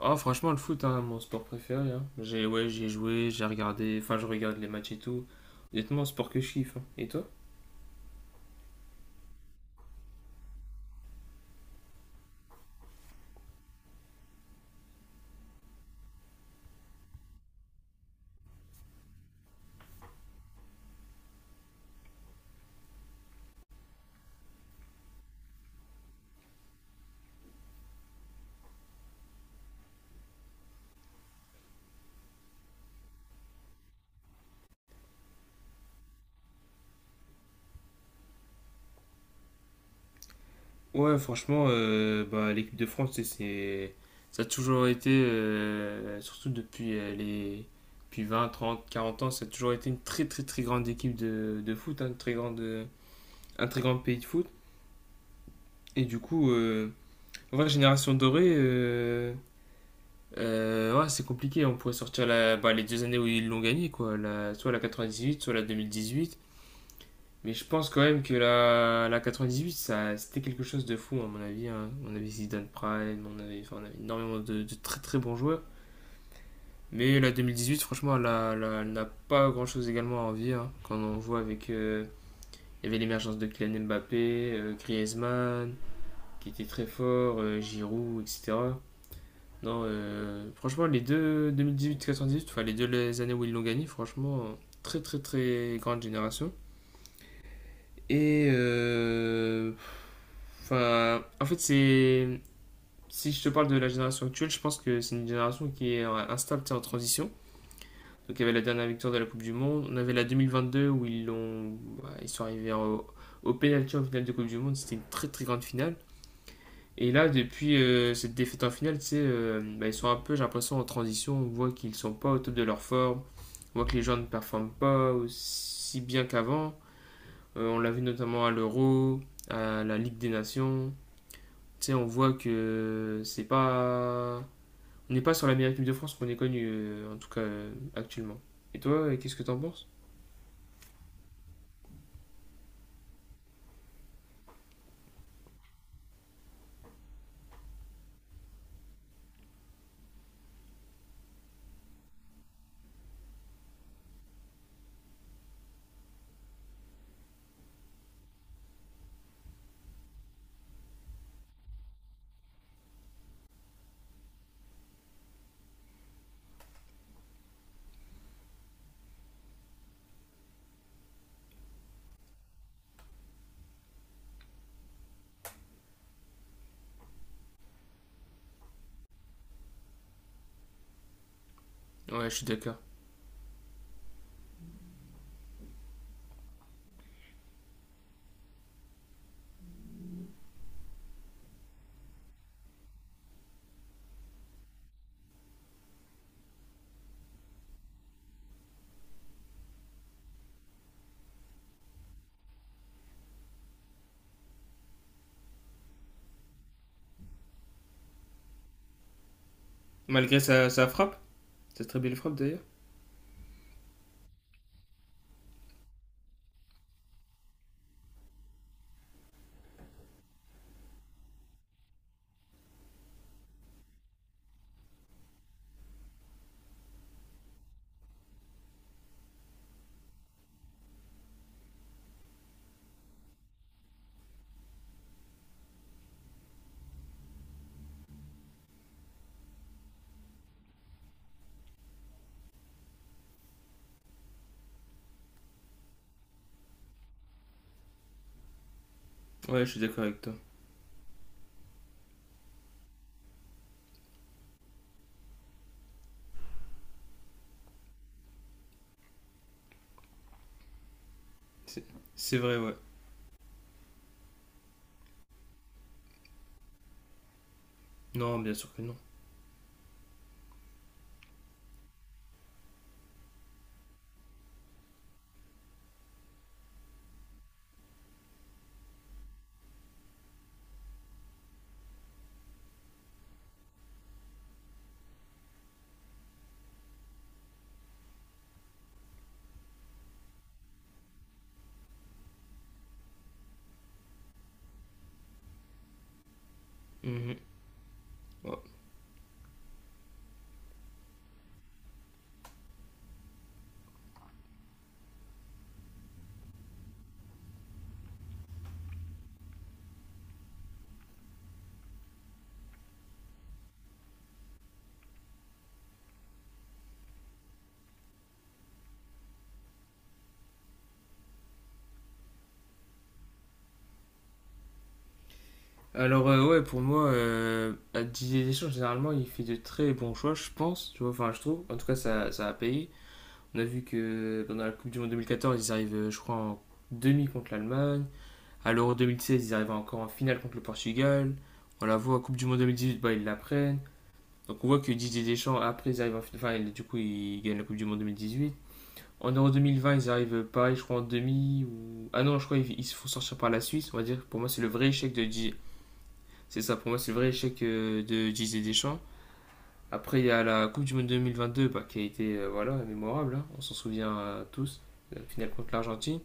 Ah, franchement, le foot, hein, mon sport préféré, hein. J'ai ouais, j'ai joué, j'ai regardé, enfin, je regarde les matchs et tout. Honnêtement, sport que je kiffe, hein. Et toi? Ouais, franchement, bah, l'équipe de France, tu sais, c'est ça a toujours été, surtout depuis 20, 30, 40 ans, ça a toujours été une très, très, très grande équipe de foot, hein, une très grande, un très grand pays de foot. Et du coup, en vrai, génération dorée. Ouais, c'est compliqué. On pourrait sortir bah, les deux années où ils l'ont gagné, quoi. Soit la 98, soit la huit. Mais je pense quand même que la 98, ça, c'était quelque chose de fou, à mon avis, hein. On avait Zidane Prime, on avait, enfin, on avait énormément de très très bons joueurs. Mais la 2018, franchement, elle n'a pas grand-chose également à envier, hein. Quand on voit il y avait l'émergence de Kylian Mbappé, Griezmann, qui était très fort, Giroud, etc. Non, franchement, les deux 2018-98, enfin les années où ils l'ont gagné, franchement, très très très grande génération. Et enfin, en fait, c'est si je te parle de la génération actuelle, je pense que c'est une génération qui est instable, tu sais, en transition. Donc il y avait la dernière victoire de la Coupe du Monde, on avait la 2022 où bah, ils sont arrivés au penalty en finale de Coupe du Monde, c'était une très très grande finale. Et là, depuis cette défaite en finale, tu sais, bah, ils sont un peu, j'ai l'impression, en transition. On voit qu'ils sont pas au top de leur forme. On voit que les gens ne performent pas aussi bien qu'avant. On l'a vu notamment à l'Euro, à la Ligue des Nations. Tu sais, on voit que c'est pas. On n'est pas sur la meilleure équipe de France qu'on ait connue, en tout cas actuellement. Et toi, qu'est-ce que t'en penses? Ouais, je suis d'accord. Malgré sa frappe, sa très belle frappe d'ailleurs. Ouais, je suis d'accord avec toi. C'est c'est vrai, ouais. Non, bien sûr que non. Mhm. Ouais. Alors, ouais, pour moi, à Didier Deschamps, généralement, il fait de très bons choix, je pense, tu vois, enfin je trouve, en tout cas ça a payé. On a vu que pendant la Coupe du Monde 2014, ils arrivent, je crois, en demi contre l'Allemagne. À l'Euro 2016, ils arrivent encore en finale contre le Portugal. On la voit à Coupe du Monde 2018, bah, ils la prennent. Donc on voit que Didier Deschamps, après, ils arrivent en finale, enfin, du coup, ils gagnent la Coupe du Monde 2018. En Euro 2020, ils arrivent pareil, je crois, en demi. Ah non, je crois qu'ils ils se font sortir par la Suisse, on va dire. Pour moi, c'est ça, pour moi, c'est le vrai échec de Didier Deschamps. Après, il y a la Coupe du Monde 2022, bah, qui a été, voilà, mémorable, hein. On s'en souvient, tous, la finale contre l'Argentine.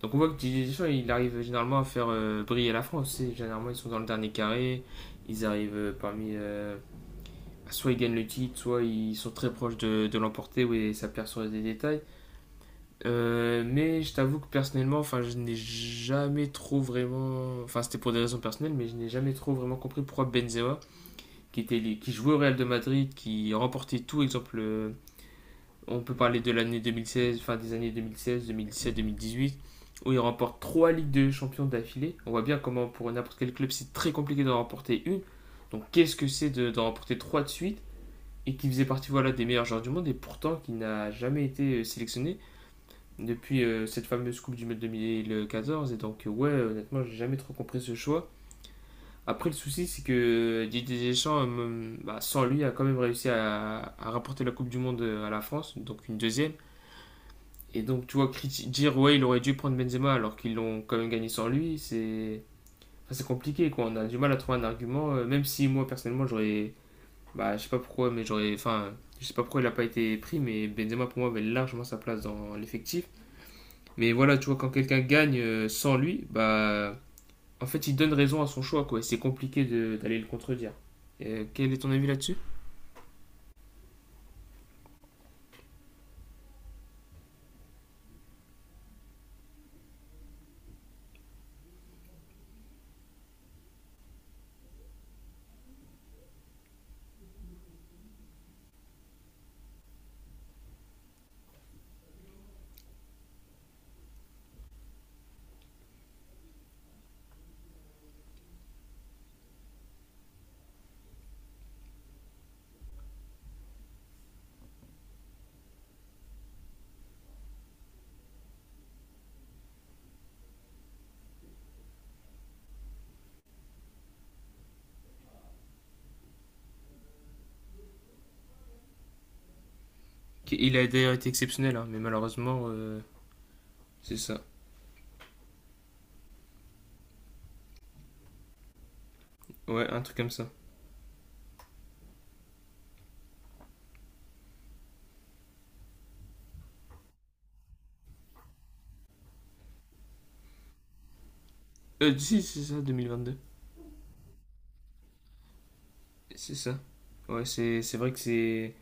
Donc on voit que Didier Deschamps, il arrive généralement à faire briller la France. Généralement, ils sont dans le dernier carré, ils arrivent, soit ils gagnent le titre, soit ils sont très proches de l'emporter, oui, ça perd sur des détails. Mais je t'avoue que personnellement, enfin, je n'ai jamais trop vraiment. Enfin, c'était pour des raisons personnelles, mais je n'ai jamais trop vraiment compris pourquoi Benzema qui jouait au Real de Madrid, qui remportait tout. Exemple, on peut parler de l'année 2016, fin des années 2016, 2017, 2018, où il remporte trois Ligues de Champions d'affilée. On voit bien comment pour n'importe quel club, c'est très compliqué d'en remporter une. Donc qu'est-ce que c'est d'en remporter trois de suite, et qui faisait partie, voilà, des meilleurs joueurs du monde et pourtant qui n'a jamais été sélectionné depuis cette fameuse Coupe du Monde 2014. Et donc, ouais, honnêtement, j'ai jamais trop compris ce choix. Après, le souci, c'est que Didier Deschamps, bah, sans lui, a quand même réussi à rapporter la Coupe du Monde à la France, donc une deuxième. Et donc, tu vois, dire ouais, il aurait dû prendre Benzema alors qu'ils l'ont quand même gagné sans lui, c'est enfin, c'est compliqué, quoi. On a du mal à trouver un argument, même si moi personnellement, j'aurais. Bah, je sais pas pourquoi, mais j'aurais. Enfin, je sais pas pourquoi il a pas été pris, mais Benzema pour moi avait largement sa place dans l'effectif. Mais voilà, tu vois, quand quelqu'un gagne sans lui, bah. En fait, il donne raison à son choix, quoi. Et c'est compliqué d'aller le contredire. Quel est ton avis là-dessus? Il a d'ailleurs été exceptionnel, hein, mais malheureusement, c'est ça. Ouais, un truc comme ça. Si, c'est ça, 2022. C'est ça. Ouais, c'est vrai que c'est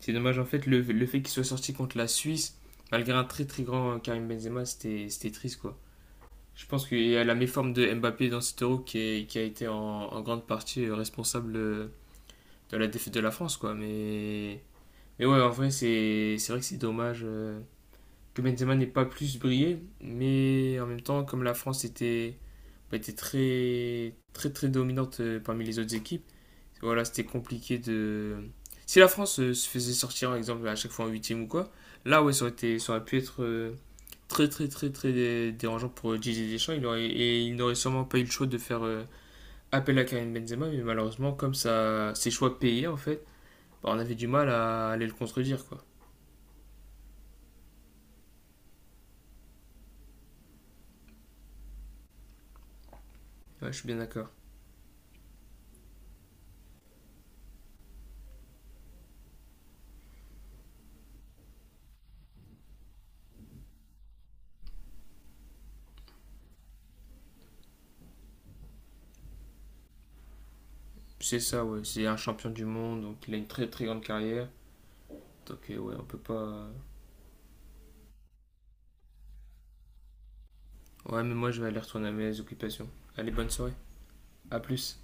c'est dommage, en fait, le fait qu'il soit sorti contre la Suisse, malgré un très très grand, Karim Benzema, c'était triste, quoi. Je pense qu'il y a la méforme de Mbappé dans cet euro qui a été en grande partie, responsable, de la défaite de la France, quoi. Mais ouais, en vrai, c'est vrai que c'est dommage que Benzema n'ait pas plus brillé, mais en même temps, comme la France bah, était très, très, très dominante, parmi les autres équipes, voilà, c'était compliqué de. Si la France se faisait sortir, par exemple, à chaque fois en huitième ou quoi, là, ouais, ça aurait été, ça aurait pu être, très, très, très, très dérangeant pour Didier Deschamps, et il n'aurait sûrement pas eu le choix de faire appel à Karim Benzema, mais malheureusement, comme ça, ses choix payaient, en fait, bah, on avait du mal à aller le contredire, quoi. Ouais, je suis bien d'accord. C'est ça, ouais. C'est un champion du monde, donc il a une très très grande carrière. Donc, ouais, on peut pas. Ouais, mais moi je vais aller retourner à mes occupations. Allez, bonne soirée. À plus.